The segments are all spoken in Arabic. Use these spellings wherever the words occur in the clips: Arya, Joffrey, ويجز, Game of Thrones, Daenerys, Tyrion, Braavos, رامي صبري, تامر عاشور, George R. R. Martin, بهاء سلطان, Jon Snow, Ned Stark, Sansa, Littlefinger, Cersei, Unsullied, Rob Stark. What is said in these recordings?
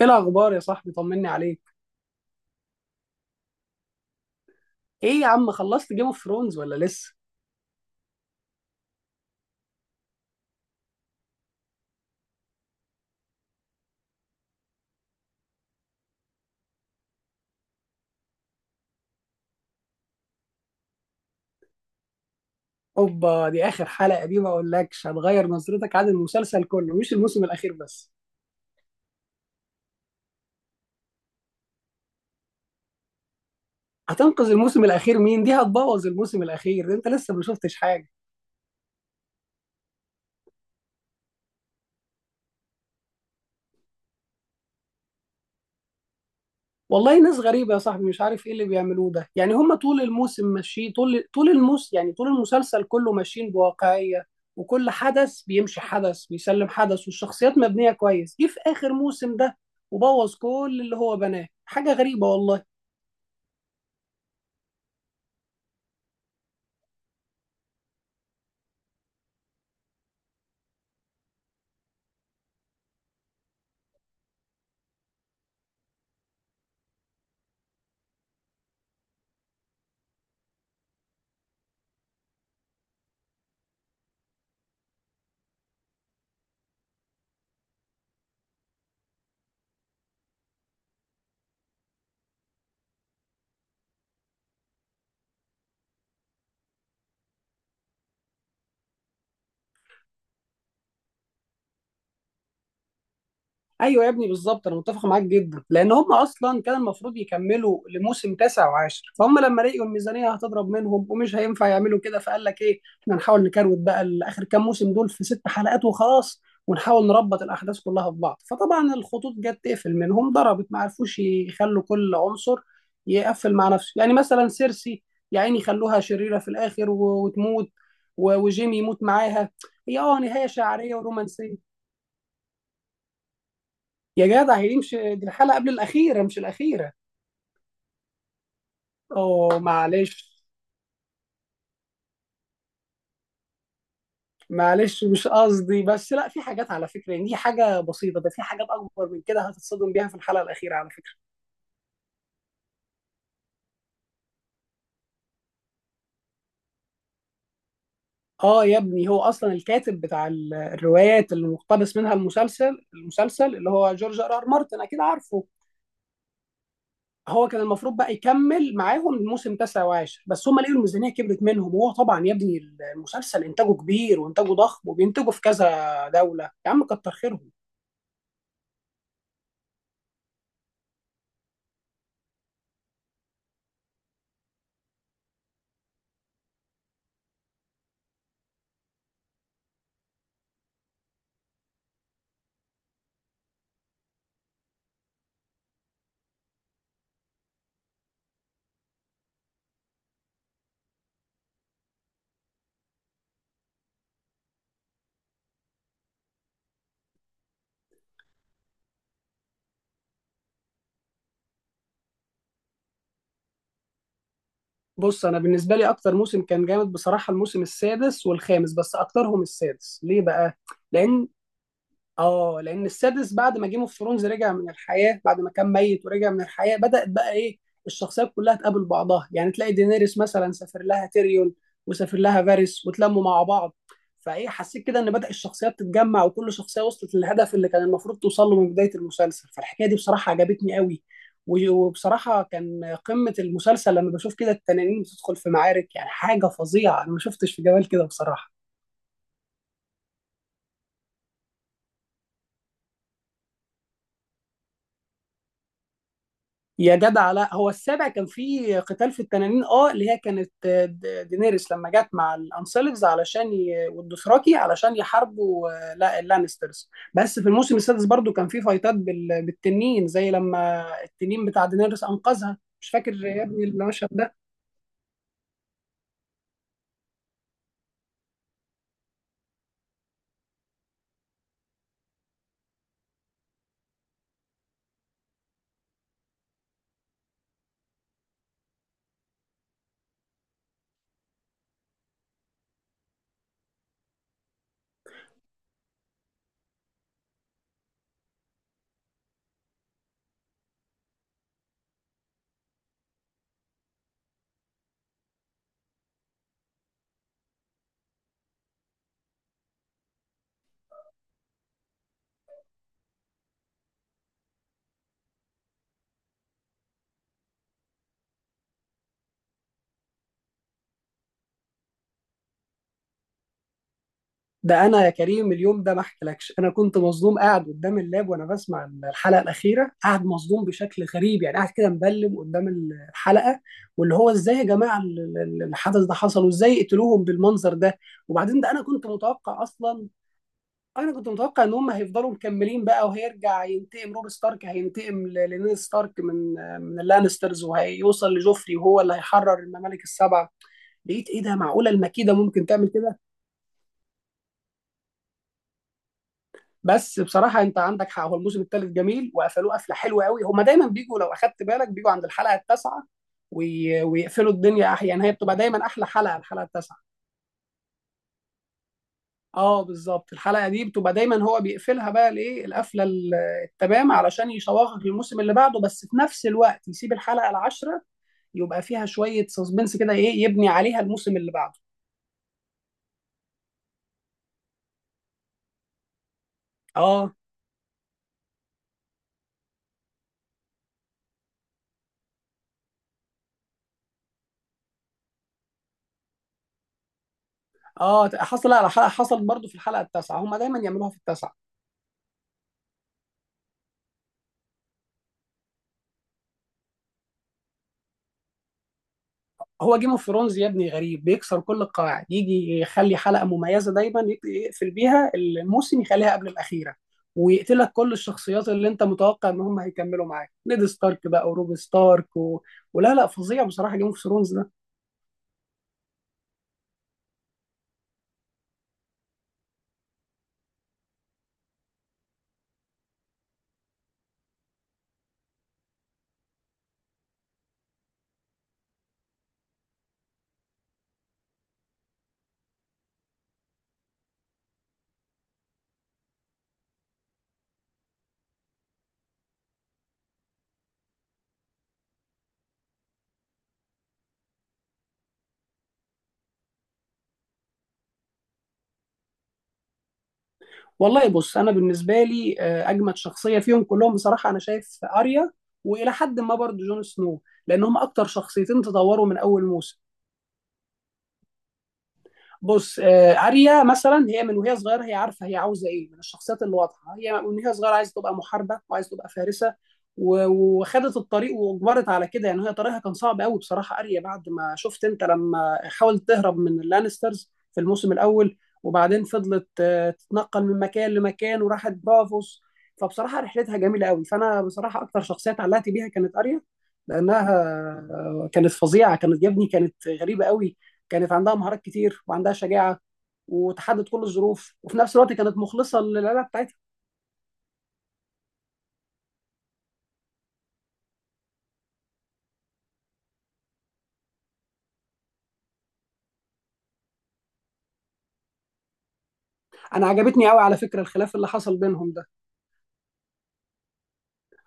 ايه الاخبار يا صاحبي؟ طمني عليك. ايه يا عم، خلصت جيم اوف ثرونز ولا لسه؟ اوبا، دي اخر حلقه، دي ما اقولكش هتغير نظرتك عن المسلسل كله، مش الموسم الاخير بس. هتنقذ الموسم الاخير؟ مين؟ دي هتبوظ الموسم الاخير، انت لسه ما شفتش حاجه. والله ناس غريبه يا صاحبي، مش عارف ايه اللي بيعملوه ده، يعني هم طول الموسم ماشيين، طول طول الموس يعني طول المسلسل كله ماشيين بواقعيه. وكل حدث بيمشي، حدث بيسلم حدث، والشخصيات مبنيه كويس، جه في اخر موسم ده وبوظ كل اللي هو بناه. حاجه غريبه والله. ايوه يا ابني بالظبط، انا متفق معاك جدا، لان هم اصلا كان المفروض يكملوا لموسم تاسع وعاشر، فهم لما لقوا الميزانيه هتضرب منهم ومش هينفع يعملوا كده، فقال لك ايه، احنا نحاول نكروت بقى لاخر كام موسم دول في ست حلقات وخلاص. ونحاول نربط الاحداث كلها في بعض، فطبعا الخطوط جت تقفل منهم، ضربت، ما عرفوش يخلوا كل عنصر يقفل مع نفسه، يعني مثلا سيرسي يا عيني خلوها شريره في الاخر وتموت، وجيمي يموت معاها، هي نهايه شعريه ورومانسيه. يا جدع، هي دي مش، دي الحلقة قبل الأخيرة مش الأخيرة. أوه معلش. معلش مش قصدي، بس لا، في حاجات على فكرة، يعني دي حاجة بسيطة، ده في حاجات أكبر من كده هتتصدم بيها في الحلقة الأخيرة على فكرة. آه يا ابني، هو أصلا الكاتب بتاع الروايات اللي مقتبس منها المسلسل اللي هو جورج آر آر مارتن، أكيد عارفه. هو كان المفروض بقى يكمل معاهم الموسم 19، بس هم لقوا الميزانية كبرت منهم، وهو طبعا يا ابني المسلسل إنتاجه كبير وإنتاجه ضخم، وبينتجوا في كذا دولة يا عم كتر خيرهم. بص، انا بالنسبه لي اكتر موسم كان جامد بصراحه الموسم السادس والخامس، بس اكترهم السادس، ليه بقى؟ لان اه لان السادس بعد ما جيم اوف ثرونز رجع من الحياه بعد ما كان ميت ورجع من الحياه، بدات بقى ايه، الشخصيات كلها تقابل بعضها، يعني تلاقي دينيريس مثلا سافر لها تيريون وسافر لها فارس وتلموا مع بعض. فايه، حسيت كده ان بدا الشخصيات تتجمع، وكل شخصيه وصلت للهدف اللي كان المفروض توصل له من بدايه المسلسل، فالحكايه دي بصراحه عجبتني قوي. وبصراحه كان قمه المسلسل لما بشوف كده التنانين بتدخل في معارك، يعني حاجه فظيعه، انا ما شفتش في جمال كده بصراحه. يا جدع، لا، هو السابع كان فيه قتال في التنانين اللي هي كانت دينيريس لما جت مع الانسلفز علشان والدوثراكي علشان يحاربوا لا اللانسترز، بس في الموسم السادس برضو كان فيه فايتات بالتنين، زي لما التنين بتاع دينيريس انقذها، مش فاكر يا ابني المشهد ده. ده انا يا كريم، اليوم ده ما احكيلكش، انا كنت مصدوم قاعد قدام اللاب وانا بسمع الحلقه الاخيره، قاعد مصدوم بشكل غريب، يعني قاعد كده مبلم قدام الحلقه، واللي هو ازاي يا جماعه الحدث ده حصل، وازاي قتلوهم بالمنظر ده. وبعدين ده انا كنت متوقع اصلا، انا كنت متوقع ان هم هيفضلوا مكملين بقى، وهيرجع ينتقم روب ستارك، هينتقم لنيد ستارك من اللانسترز وهيوصل لجوفري، وهو اللي هيحرر الممالك السبعه. لقيت ايه، ده معقوله المكيده ممكن تعمل كده؟ بس بصراحه انت عندك حق، هو الموسم الثالث جميل وقفلوه قفله حلوه قوي، هما دايما بيجوا لو اخدت بالك بيجوا عند الحلقه التاسعه، ويقفلوا الدنيا يعني هي بتبقى دايما احلى حلقه الحلقه التاسعه. اه بالظبط، الحلقه دي بتبقى دايما هو بيقفلها بقى الايه القفله التمام علشان يشوقك للموسم اللي بعده، بس في نفس الوقت يسيب الحلقه العاشره يبقى فيها شويه سسبنس كده، ايه يبني عليها الموسم اللي بعده. اه، اه حصل، لا لا، حصل برضه في الحلقه التاسعه، هما دايما يعملوها في التاسعه. هو جيم اوف ثرونز يا ابني غريب، بيكسر كل القواعد، يجي يخلي حلقه مميزه دايما يقفل بيها الموسم، يخليها قبل الاخيره ويقتلك كل الشخصيات اللي انت متوقع ان هم هيكملوا معاك، نيد ستارك بقى وروب ستارك ولا لا، فظيع بصراحه جيم اوف ثرونز ده. والله بص، انا بالنسبه لي اجمد شخصيه فيهم كلهم بصراحه، انا شايف اريا والى حد ما برضه جون سنو، لان هم اكتر شخصيتين تطوروا من اول موسم. بص اريا مثلا، هي من وهي صغيره هي عارفه هي عاوزه ايه، من الشخصيات الواضحه، هي من وهي صغيره عايزه تبقى محاربه وعايزه تبقى فارسه. وخدت الطريق واجبرت على كده، يعني هي طريقها كان صعب قوي بصراحه، اريا بعد ما شفت انت لما حاولت تهرب من اللانسترز في الموسم الاول، وبعدين فضلت تتنقل من مكان لمكان وراحت برافوس. فبصراحه رحلتها جميله قوي، فانا بصراحه اكتر شخصيه اتعلقت بيها كانت اريا، لانها كانت فظيعه، كانت يا ابني كانت غريبه قوي، كانت عندها مهارات كتير وعندها شجاعه، وتحدد كل الظروف وفي نفس الوقت كانت مخلصه للعيله بتاعتها. انا عجبتني قوي على فكره الخلاف اللي حصل بينهم ده.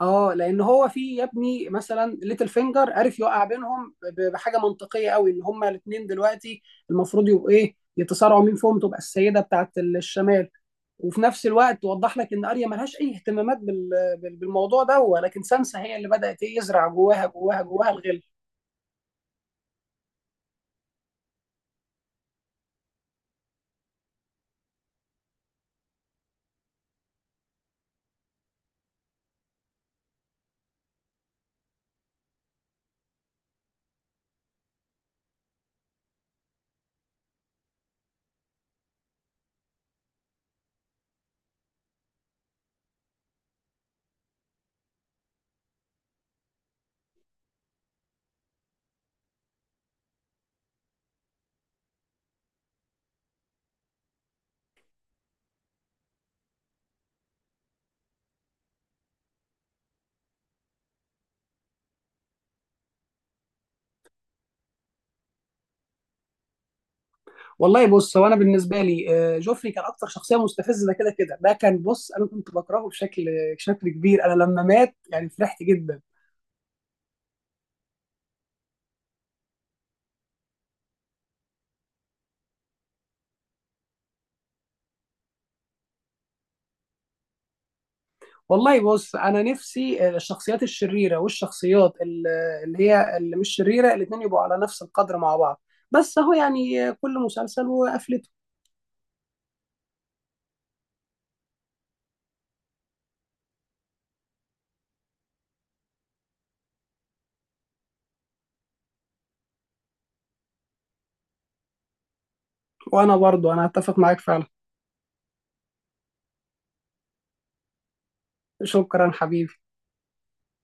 اه، لان هو في يا ابني مثلا ليتل فينجر عرف يوقع بينهم بحاجه منطقيه قوي، ان هما الاثنين دلوقتي المفروض يبقوا ايه، يتصارعوا مين فيهم تبقى السيده بتاعت الشمال. وفي نفس الوقت وضح لك ان اريا ملهاش اي اهتمامات بالموضوع ده، ولكن سانسا هي اللي بدات ايه يزرع جواها جواها جواها الغل. والله بص، هو انا بالنسبه لي جوفري كان اكتر شخصيه مستفزه، ده كده كده ده كان، بص انا كنت بكرهه بشكل كبير، انا لما مات يعني فرحت جدا. والله بص، انا نفسي الشخصيات الشريره والشخصيات اللي هي اللي مش شريره الاثنين يبقوا على نفس القدر مع بعض، بس اهو يعني كل مسلسل وقفلته. وانا برضو انا اتفق معاك فعلا. شكرا حبيبي.